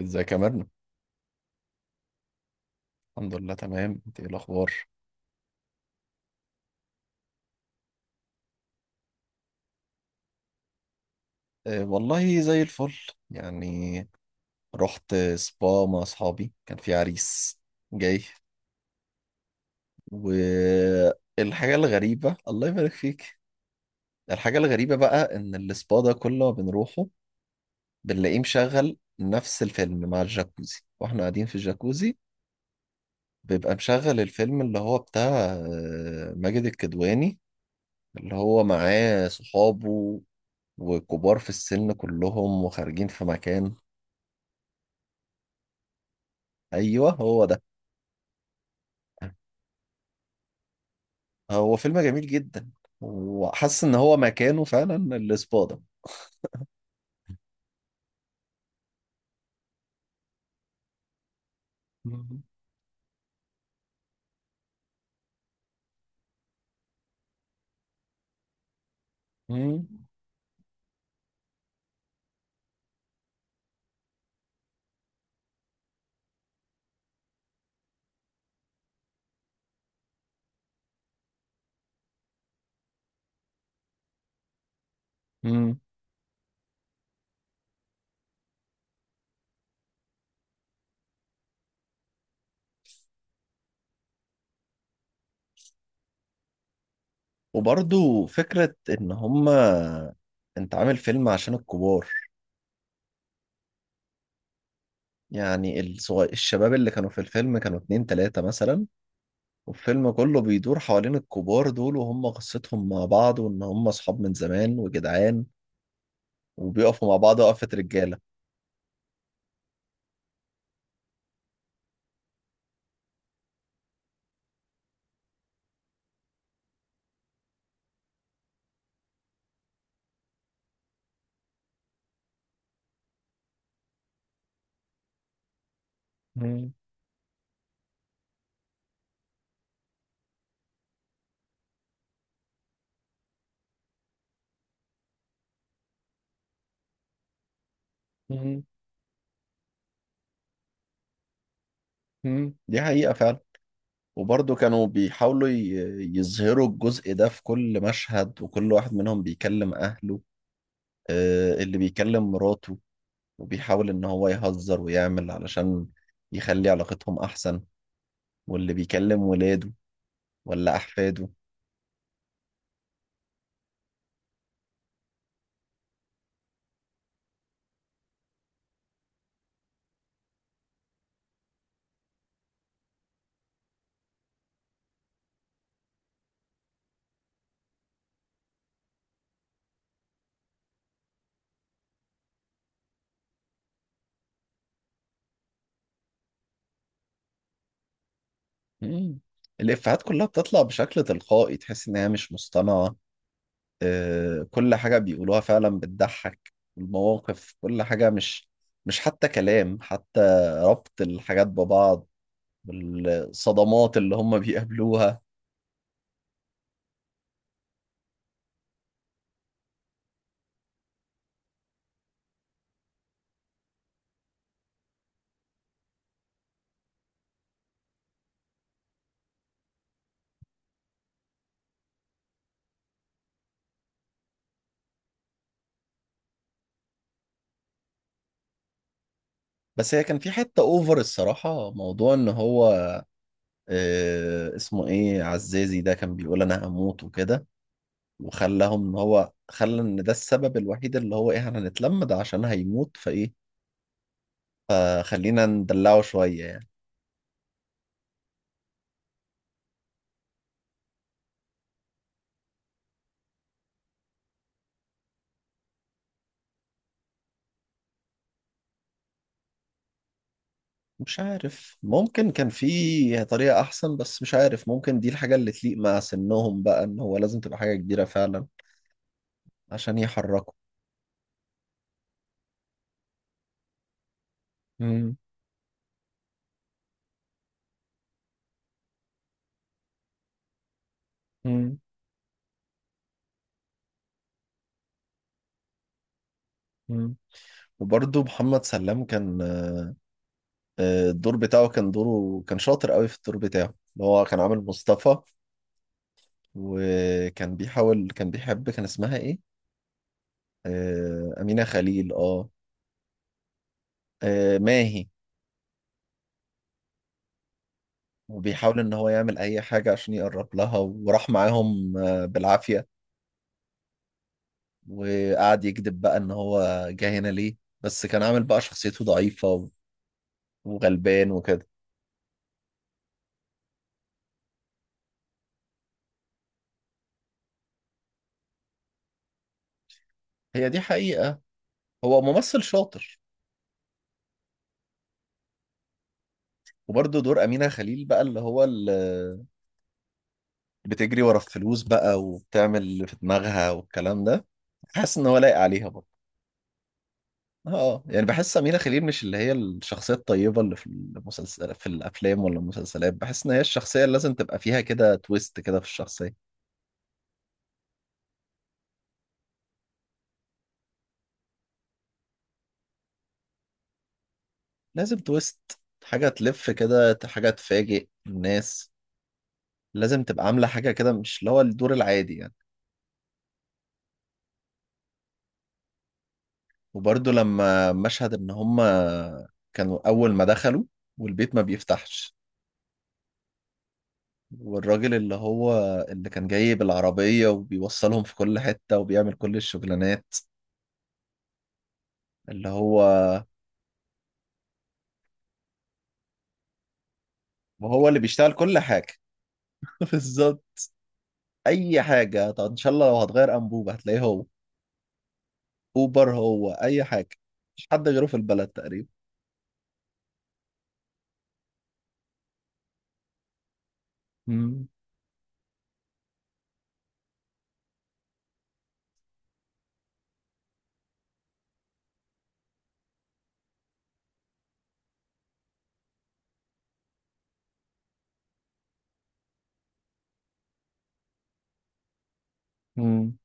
ازيك يا مرنة؟ الحمد لله، تمام. انت ايه الاخبار؟ أه والله زي الفل، يعني رحت سبا مع اصحابي، كان في عريس جاي. والحاجة الغريبة الله يبارك فيك، الحاجة الغريبة بقى ان السبا ده كل ما بنروحه بنلاقيه مشغل نفس الفيلم مع الجاكوزي واحنا قاعدين في الجاكوزي. بيبقى مشغل الفيلم اللي هو بتاع ماجد الكدواني، اللي هو معاه صحابه وكبار في السن كلهم وخارجين في مكان. ايوه هو ده. هو فيلم جميل جدا، وحاسس ان هو مكانه فعلا الاسبادة. مم. مم. مم. وبرضو فكرة ان هما انت عامل فيلم عشان الكبار، يعني الصغير، الشباب اللي كانوا في الفيلم كانوا اتنين تلاتة مثلا، والفيلم كله بيدور حوالين الكبار دول وهم قصتهم مع بعض وان هم اصحاب من زمان وجدعان وبيقفوا مع بعض وقفة رجالة. مم. مم. مم، دي حقيقة فعلا. وبرضه كانوا بيحاولوا يظهروا الجزء ده في كل مشهد، وكل واحد منهم بيكلم أهله. اللي بيكلم مراته وبيحاول إن هو يهزر ويعمل علشان يخلي علاقتهم أحسن، واللي بيكلم ولاده ولا أحفاده. مم. الإفيهات كلها بتطلع بشكل تلقائي، تحس إن هي مش مصطنعة. كل حاجة بيقولوها فعلا بتضحك، المواقف كل حاجة، مش حتى كلام، حتى ربط الحاجات ببعض بالصدمات اللي هم بيقابلوها. بس هي كان في حتة اوفر الصراحة، موضوع ان هو اسمه ايه، عزازي ده كان بيقول انا هموت وكده، وخلاهم ان هو خلى ان ده السبب الوحيد اللي هو ايه احنا هنتلم ده عشان هيموت، فايه خلينا ندلعه شوية يعني. مش عارف، ممكن كان في طريقة احسن، بس مش عارف ممكن دي الحاجة اللي تليق مع سنهم بقى، ان هو لازم تبقى حاجة كبيرة فعلا عشان يحركوا. مم. مم. مم. وبرضه محمد سلام كان الدور بتاعه كان، دوره كان شاطر قوي في الدور بتاعه، اللي هو كان عامل مصطفى. وكان بيحاول، كان بيحب، كان اسمها ايه؟ أمينة خليل، اه. ماهي. وبيحاول ان هو يعمل اي حاجة عشان يقرب لها، وراح معاهم بالعافية، وقعد يكذب بقى ان هو جه هنا ليه، بس كان عامل بقى شخصيته ضعيفة وغلبان وكده. هي دي حقيقة، هو ممثل شاطر. وبرضه دور أمينة خليل بقى اللي هو بتجري ورا الفلوس بقى وبتعمل اللي في دماغها والكلام ده، حاسس ان هو لايق عليها برضه. اه يعني بحس أمينة خليل مش اللي هي الشخصية الطيبة اللي في المسلسل، في الأفلام ولا المسلسلات، بحس إن هي الشخصية اللي لازم تبقى فيها كده تويست كده في الشخصية. لازم تويست، حاجة تلف كده، حاجة تفاجئ الناس، لازم تبقى عاملة حاجة كده مش اللي هو الدور العادي يعني. وبرضه لما مشهد إن هما كانوا أول ما دخلوا والبيت ما بيفتحش، والراجل اللي هو اللي كان جاي بالعربية وبيوصلهم في كل حتة وبيعمل كل الشغلانات، اللي هو وهو اللي بيشتغل كل حاجة. بالظبط، أي حاجة، طب إن شاء الله لو هتغير أنبوبة هتلاقيه هو، أوبر هو، أي حاجة، مش حد غيره في البلد تقريبا. مم. مم.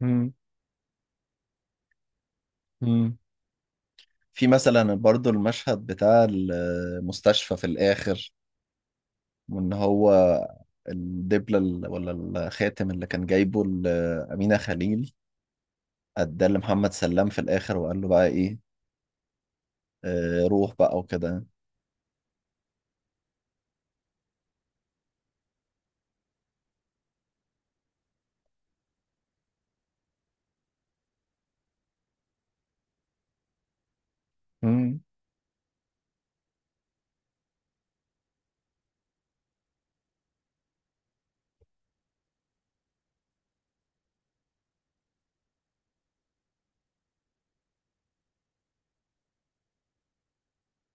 مم. مم. في مثلا برضو المشهد بتاع المستشفى في الآخر، وإن هو الدبلة ولا الخاتم اللي كان جايبه أمينة خليل اداه لمحمد سلام في الاخر، وقال له بقى ايه، روح بقى وكده. مم.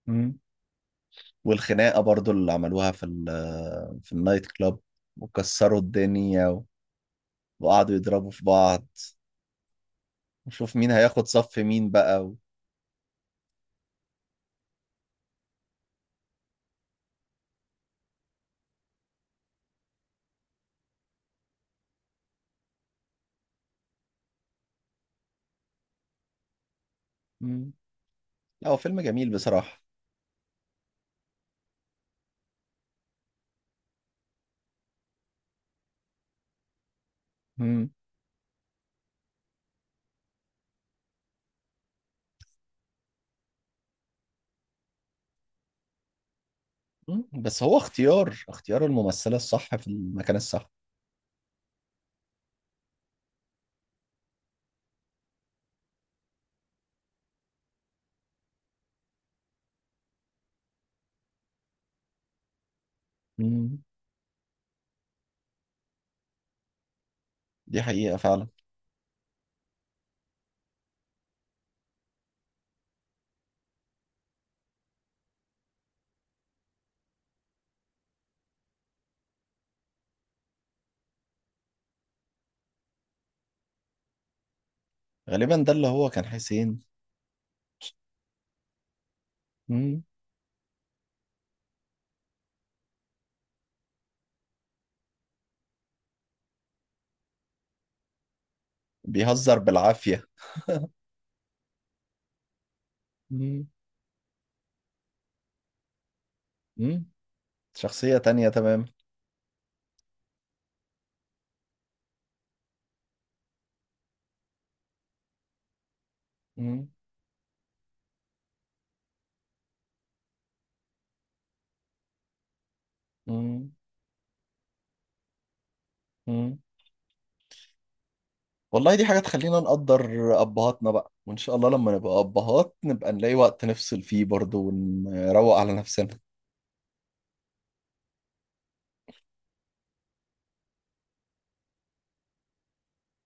مم. والخناقه برضو اللي عملوها في في النايت كلاب، وكسروا الدنيا و... وقعدوا يضربوا في بعض، وشوف مين هياخد صف مين بقى. و... مم. لا هو فيلم جميل بصراحه. مم. مم، بس هو اختيار الممثله الصح في المكان الصح. مم، دي حقيقه فعلا. غالبا ده اللي هو كان حسين. مم. بيهزر بالعافيه. مم. مم، شخصيه تانية تمام. مم. مم. مم، والله دي حاجة تخلينا نقدر أبهاتنا بقى، وإن شاء الله لما نبقى أبهات نبقى نلاقي وقت نفصل فيه برضه ونروق على نفسنا.